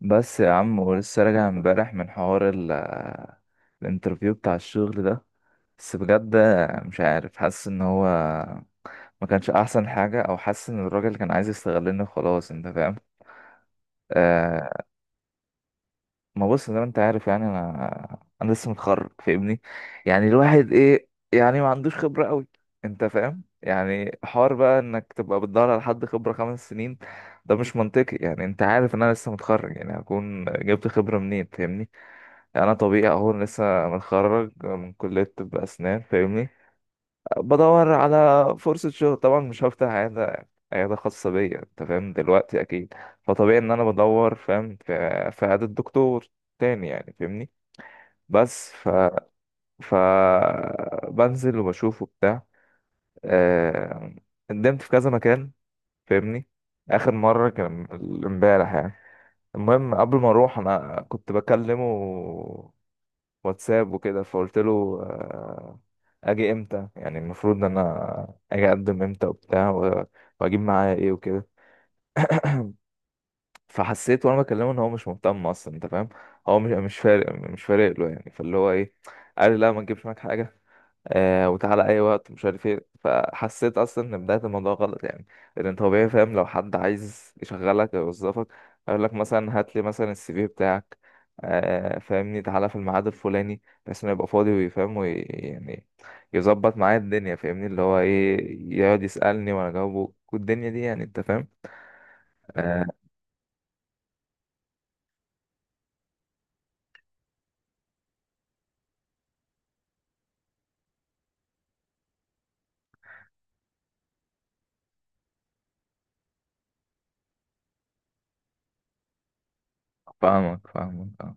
بس يا عم، ولسه راجع امبارح من حوار الانترفيو بتاع الشغل ده. بس بجد، مش عارف، حاسس ان هو ما كانش احسن حاجة، او حاسس ان الراجل كان عايز يستغلني. خلاص، انت فاهم؟ آه. ما بص، زي ما انت عارف، يعني انا لسه متخرج، فاهمني. يعني الواحد ايه؟ يعني ما عندوش خبرة قوي، انت فاهم؟ يعني حوار بقى انك تبقى بتدور على حد خبرة 5 سنين، ده مش منطقي. يعني انت عارف ان انا لسه متخرج، يعني هكون جبت خبرة منين؟ فاهمني. يعني انا طبيعي اهو، لسه متخرج من كليه طب اسنان، فاهمني. بدور على فرصه شغل، طبعا مش هفتح عياده خاصه بيا، انت فاهم دلوقتي اكيد. فطبيعي ان انا بدور، فاهم، في عياده دكتور تاني، يعني فاهمني. بس ف ف بنزل وبشوف وبتاع. آه، قدمت في كذا مكان، فاهمني. اخر مره كان امبارح يعني. المهم، قبل ما اروح انا كنت بكلمه واتساب وكده، فقلت له اجي امتى؟ يعني المفروض ان انا اجي اقدم امتى وبتاع واجيب معايا ايه وكده. فحسيت وانا بكلمه ان هو مش مهتم اصلا، انت فاهم؟ هو مش فارق، له يعني، فاللي هو ايه، قال لي: لا، ما تجيبش معاك حاجه، وتعالى اي وقت، مش عارف ايه. فحسيت اصلا ان بدايه الموضوع غلط يعني. لان انت طبيعي فاهم، لو حد عايز يشغلك او يوظفك، هيقول لك مثلا: هات لي مثلا السي في بتاعك، فاهمني، تعالى في الميعاد الفلاني، بحيث انه يبقى فاضي ويفهم يعني يظبط معايا الدنيا، فاهمني. اللي هو ايه، يقعد يسالني وانا اجاوبه والدنيا دي، يعني انت فاهم. آه، فاهمك، فاهمك. آه.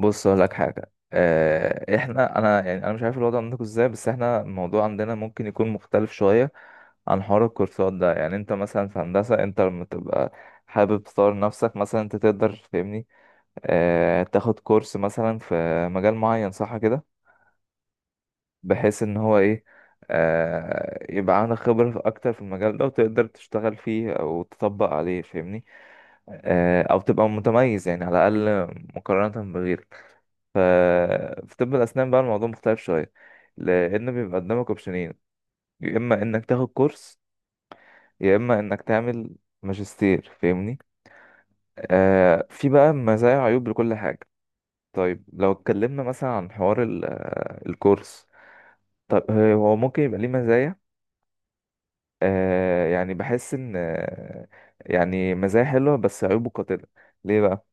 بص اقول لك حاجه. انا يعني انا مش عارف الوضع عندكم ازاي، بس احنا الموضوع عندنا ممكن يكون مختلف شويه عن حوار الكورسات ده. يعني انت مثلا في هندسه، انت لما تبقى حابب تطور نفسك مثلا، انت تقدر، فاهمني، اه تاخد كورس مثلا في مجال معين، صح كده؟ بحيث ان هو ايه، اه يبقى عندك خبره اكتر في المجال ده، وتقدر تشتغل فيه او تطبق عليه، فاهمني، اه او تبقى متميز، يعني على الاقل مقارنه بغيرك. ف... في طب الأسنان بقى، الموضوع مختلف شوية، لأن بيبقى قدامك أوبشنين: يا إما إنك تاخد كورس، يا إما إنك تعمل ماجستير، فاهمني. في بقى مزايا وعيوب لكل حاجة. طيب، لو اتكلمنا مثلا عن حوار ال... آه، الكورس، طب هو ممكن يبقى ليه مزايا. يعني بحس إن، يعني مزايا حلوة بس عيوبه قاتلة. ليه بقى؟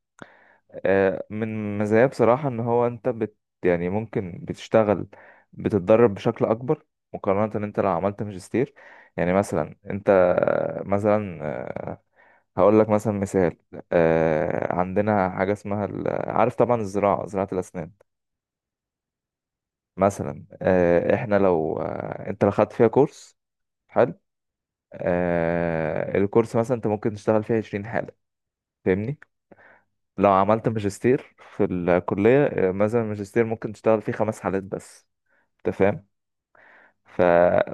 من مزاياه بصراحة، ان هو انت يعني ممكن بتشتغل، بتتدرب بشكل اكبر مقارنة ان انت لو عملت ماجستير. يعني مثلا انت، مثلا، هقول لك مثلا مثال. عندنا حاجة اسمها عارف طبعا زراعة الاسنان. مثلا آه، احنا لو آه، انت لو خدت فيها كورس، حلو، الكورس مثلا انت ممكن تشتغل فيه 20 حالة، فاهمني. لو عملت ماجستير في الكلية، مثلا الماجستير ممكن تشتغل فيه 5 حالات بس، انت فاهم. ف...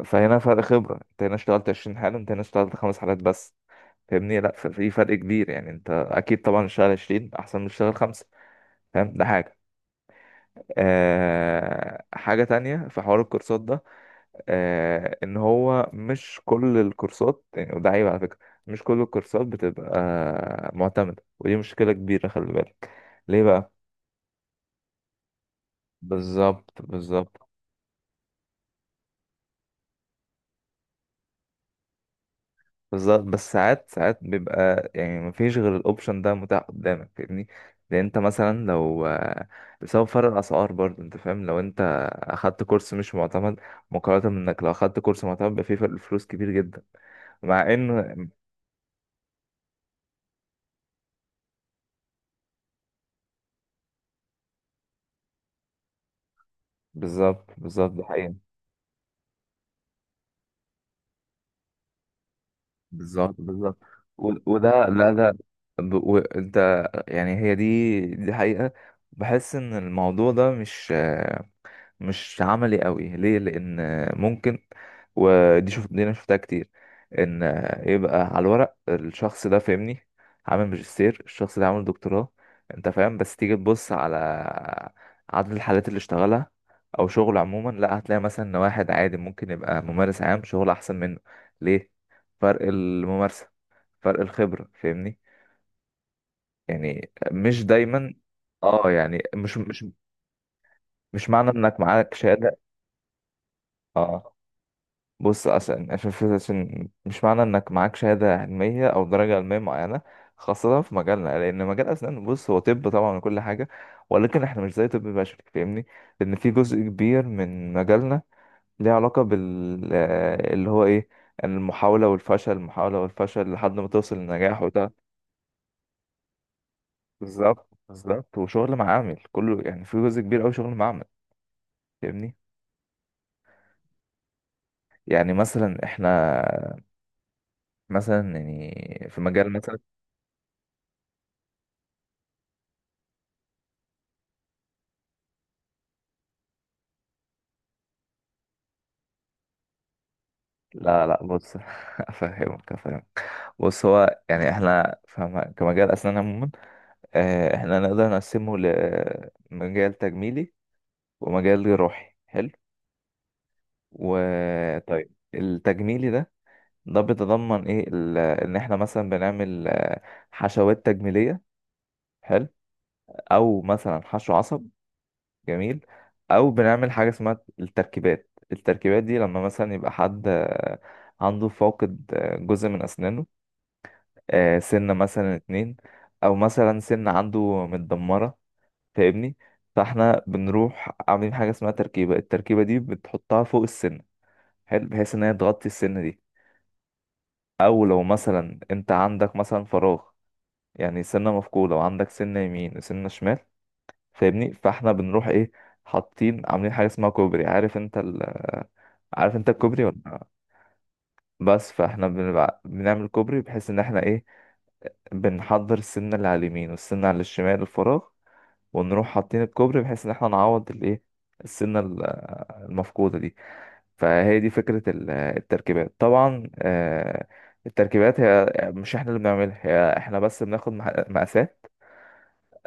فهنا فرق خبرة، انت هنا اشتغلت 20 حالة، انت هنا اشتغلت 5 حالات بس، فاهمني. لا، ففي فرق كبير، يعني انت اكيد طبعا اشتغل 20 احسن من اشتغل 5، فاهم، ده حاجة. حاجة تانية في حوار الكورسات ده، ان هو مش كل الكورسات يعني، وده عيب على فكرة. مش كل الكورسات بتبقى معتمدة، ودي مشكلة كبيرة، خلي بالك. ليه بقى؟ بالظبط، بالظبط، بالظبط. بس ساعات ساعات بيبقى يعني مفيش غير الاوبشن ده متاح قدامك، فاهمني، لان انت مثلا لو بسبب فرق الاسعار برضه، انت فاهم، لو انت اخدت كورس مش معتمد، مقارنة انك لو اخدت كورس معتمد، بيبقى فيه فرق فلوس كبير جدا، مع ان... بالظبط، بالظبط، ده حقيقي. بالظبط، بالظبط. وده، لا، ده. وانت يعني، هي دي، دي حقيقة. بحس ان الموضوع ده مش عملي قوي. ليه؟ لان ممكن... ودي، شوف، دي انا شفتها كتير، ان يبقى على الورق الشخص ده، فاهمني، عامل ماجستير، الشخص ده عامل دكتوراه، انت فاهم. بس تيجي تبص على عدد الحالات اللي اشتغلها او شغل عموما، لا، هتلاقي مثلا ان واحد عادي ممكن يبقى ممارس عام شغل احسن منه. ليه؟ فرق الممارسة، فرق الخبرة، فاهمني. يعني مش دايما، اه يعني مش معنى انك معاك شهادة، اه بص، عشان مش معنى انك معاك شهادة علمية او درجة علمية معينة، خاصة في مجالنا، لان مجال اسنان، بص، هو طب طبعا وكل حاجة، ولكن احنا مش زي طب بشري، فاهمني. لان في جزء كبير من مجالنا ليه علاقة بال آه، اللي هو ايه، المحاولة والفشل، المحاولة والفشل، لحد ما توصل للنجاح. وده... بالظبط، بالظبط. وشغل معامل، كله يعني، في جزء كبير اوي شغل معامل، فاهمني. يعني مثلا احنا، مثلا يعني في مجال مثلا... لا، لا، بص، افهمك، افهمك. بص هو يعني، احنا فاهم كمجال اسنان عموما، احنا نقدر نقسمه لمجال تجميلي ومجال جراحي، حلو، وطيب، التجميلي ده، ده بيتضمن ايه؟ ان احنا مثلا بنعمل، حشوات تجميلية، حلو، او مثلا حشو عصب، جميل، او بنعمل حاجة اسمها التركيبات. التركيبات دي لما مثلا يبقى حد عنده فاقد، جزء من اسنانه، سنة مثلا اتنين، او مثلا سن عنده متدمرة، فاهمني. فاحنا بنروح عاملين حاجة اسمها تركيبة. التركيبة دي بتحطها فوق السن، حلو، بحيث ان هي تغطي السن دي. او لو مثلا انت عندك مثلا فراغ، يعني سنة مفقودة، وعندك سنة يمين وسنة شمال، فاهمني. فاحنا بنروح ايه، حاطين عاملين حاجة اسمها كوبري. عارف انت الكوبري ولا؟ بس فاحنا بنبقى بنعمل كوبري، بحيث ان احنا ايه، بنحضر السنة اللي على اليمين والسنة على الشمال، الفراغ، ونروح حاطين الكوبري، بحيث ان احنا نعوض الايه، السنة المفقودة دي. فهي دي فكرة التركيبات. طبعا التركيبات هي مش احنا اللي بنعملها، هي احنا بس بناخد مقاسات،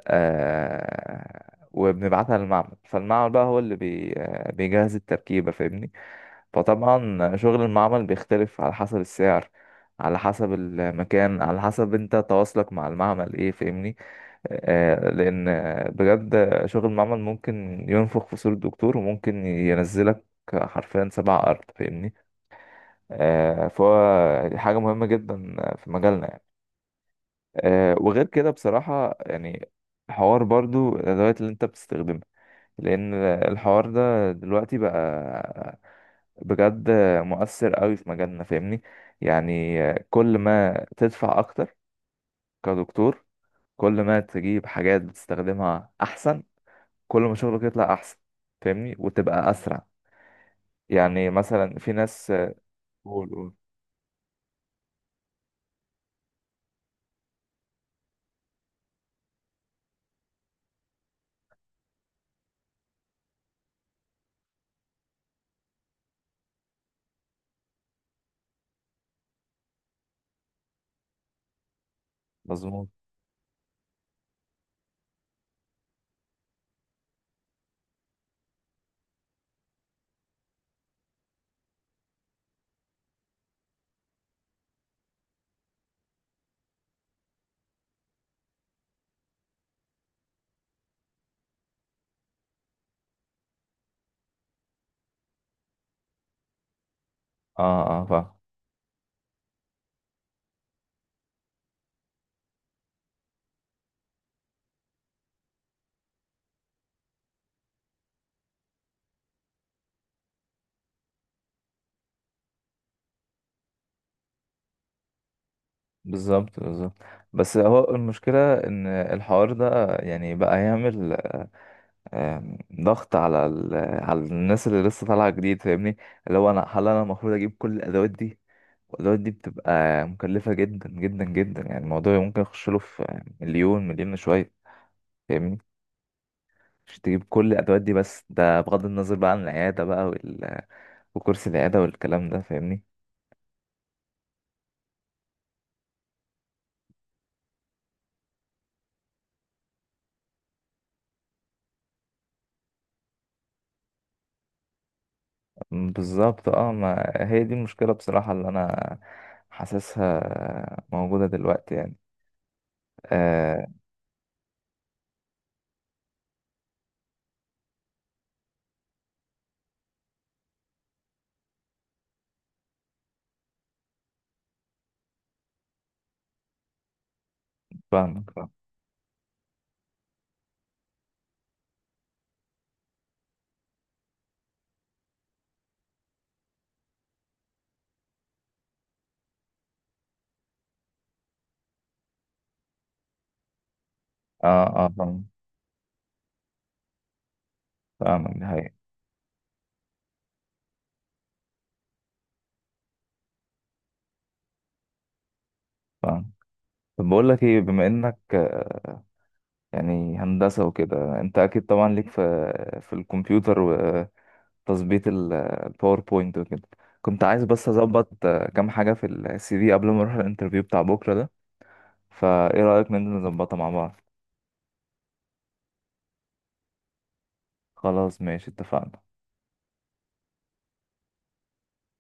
وبنبعتها للمعمل، فالمعمل بقى هو اللي بي آه، بيجهز التركيبة، فاهمني. فطبعا شغل المعمل بيختلف على حسب السعر، على حسب المكان، على حسب انت تواصلك مع المعمل ايه، فاهمني. لأن بجد شغل المعمل ممكن ينفخ في صورة الدكتور، وممكن ينزلك حرفيا سبع أرض، فاهمني. فهو دي حاجة مهمة جدا في مجالنا يعني. وغير كده بصراحة، يعني حوار برضو الأدوات اللي أنت بتستخدمها، لأن الحوار ده دلوقتي بقى بجد مؤثر قوي في مجالنا، فاهمني. يعني كل ما تدفع أكتر كدكتور، كل ما تجيب حاجات بتستخدمها أحسن، كل ما شغلك يطلع احسن، فاهمني، وتبقى اسرع. يعني مثلا في ناس... قول، قول. مظبوط. اه، اه، فاهم. بالظبط، بالظبط. بس هو المشكلة ان الحوار ده يعني بقى يعمل ضغط على على الناس اللي لسه طالعة جديد، فاهمني. اللي هو، هل انا المفروض اجيب كل الادوات دي؟ والادوات دي بتبقى مكلفة جدا جدا جدا، يعني الموضوع ممكن يخش له في مليون مليون شوية، فاهمني، مش تجيب كل الادوات دي بس. ده بغض النظر بقى عن العيادة بقى، وكرسي العيادة والكلام ده، فاهمني. بالظبط، اه، ما هي دي المشكلة بصراحة، اللي أنا حاسسها موجودة دلوقتي يعني. آه، فاهمك، فاهم. اه، اه، فاهم. فاهمك، دي حقيقة. فاهم. طب بقول لك ايه، بما انك يعني هندسة وكده، انت اكيد طبعا ليك في الكمبيوتر وتظبيط الباوربوينت وكده. كنت عايز بس اظبط كام حاجة في السي في قبل ما اروح الانترفيو بتاع بكرة ده. فايه رأيك ننزل نظبطها مع بعض؟ خلاص، ماشي، اتفقنا.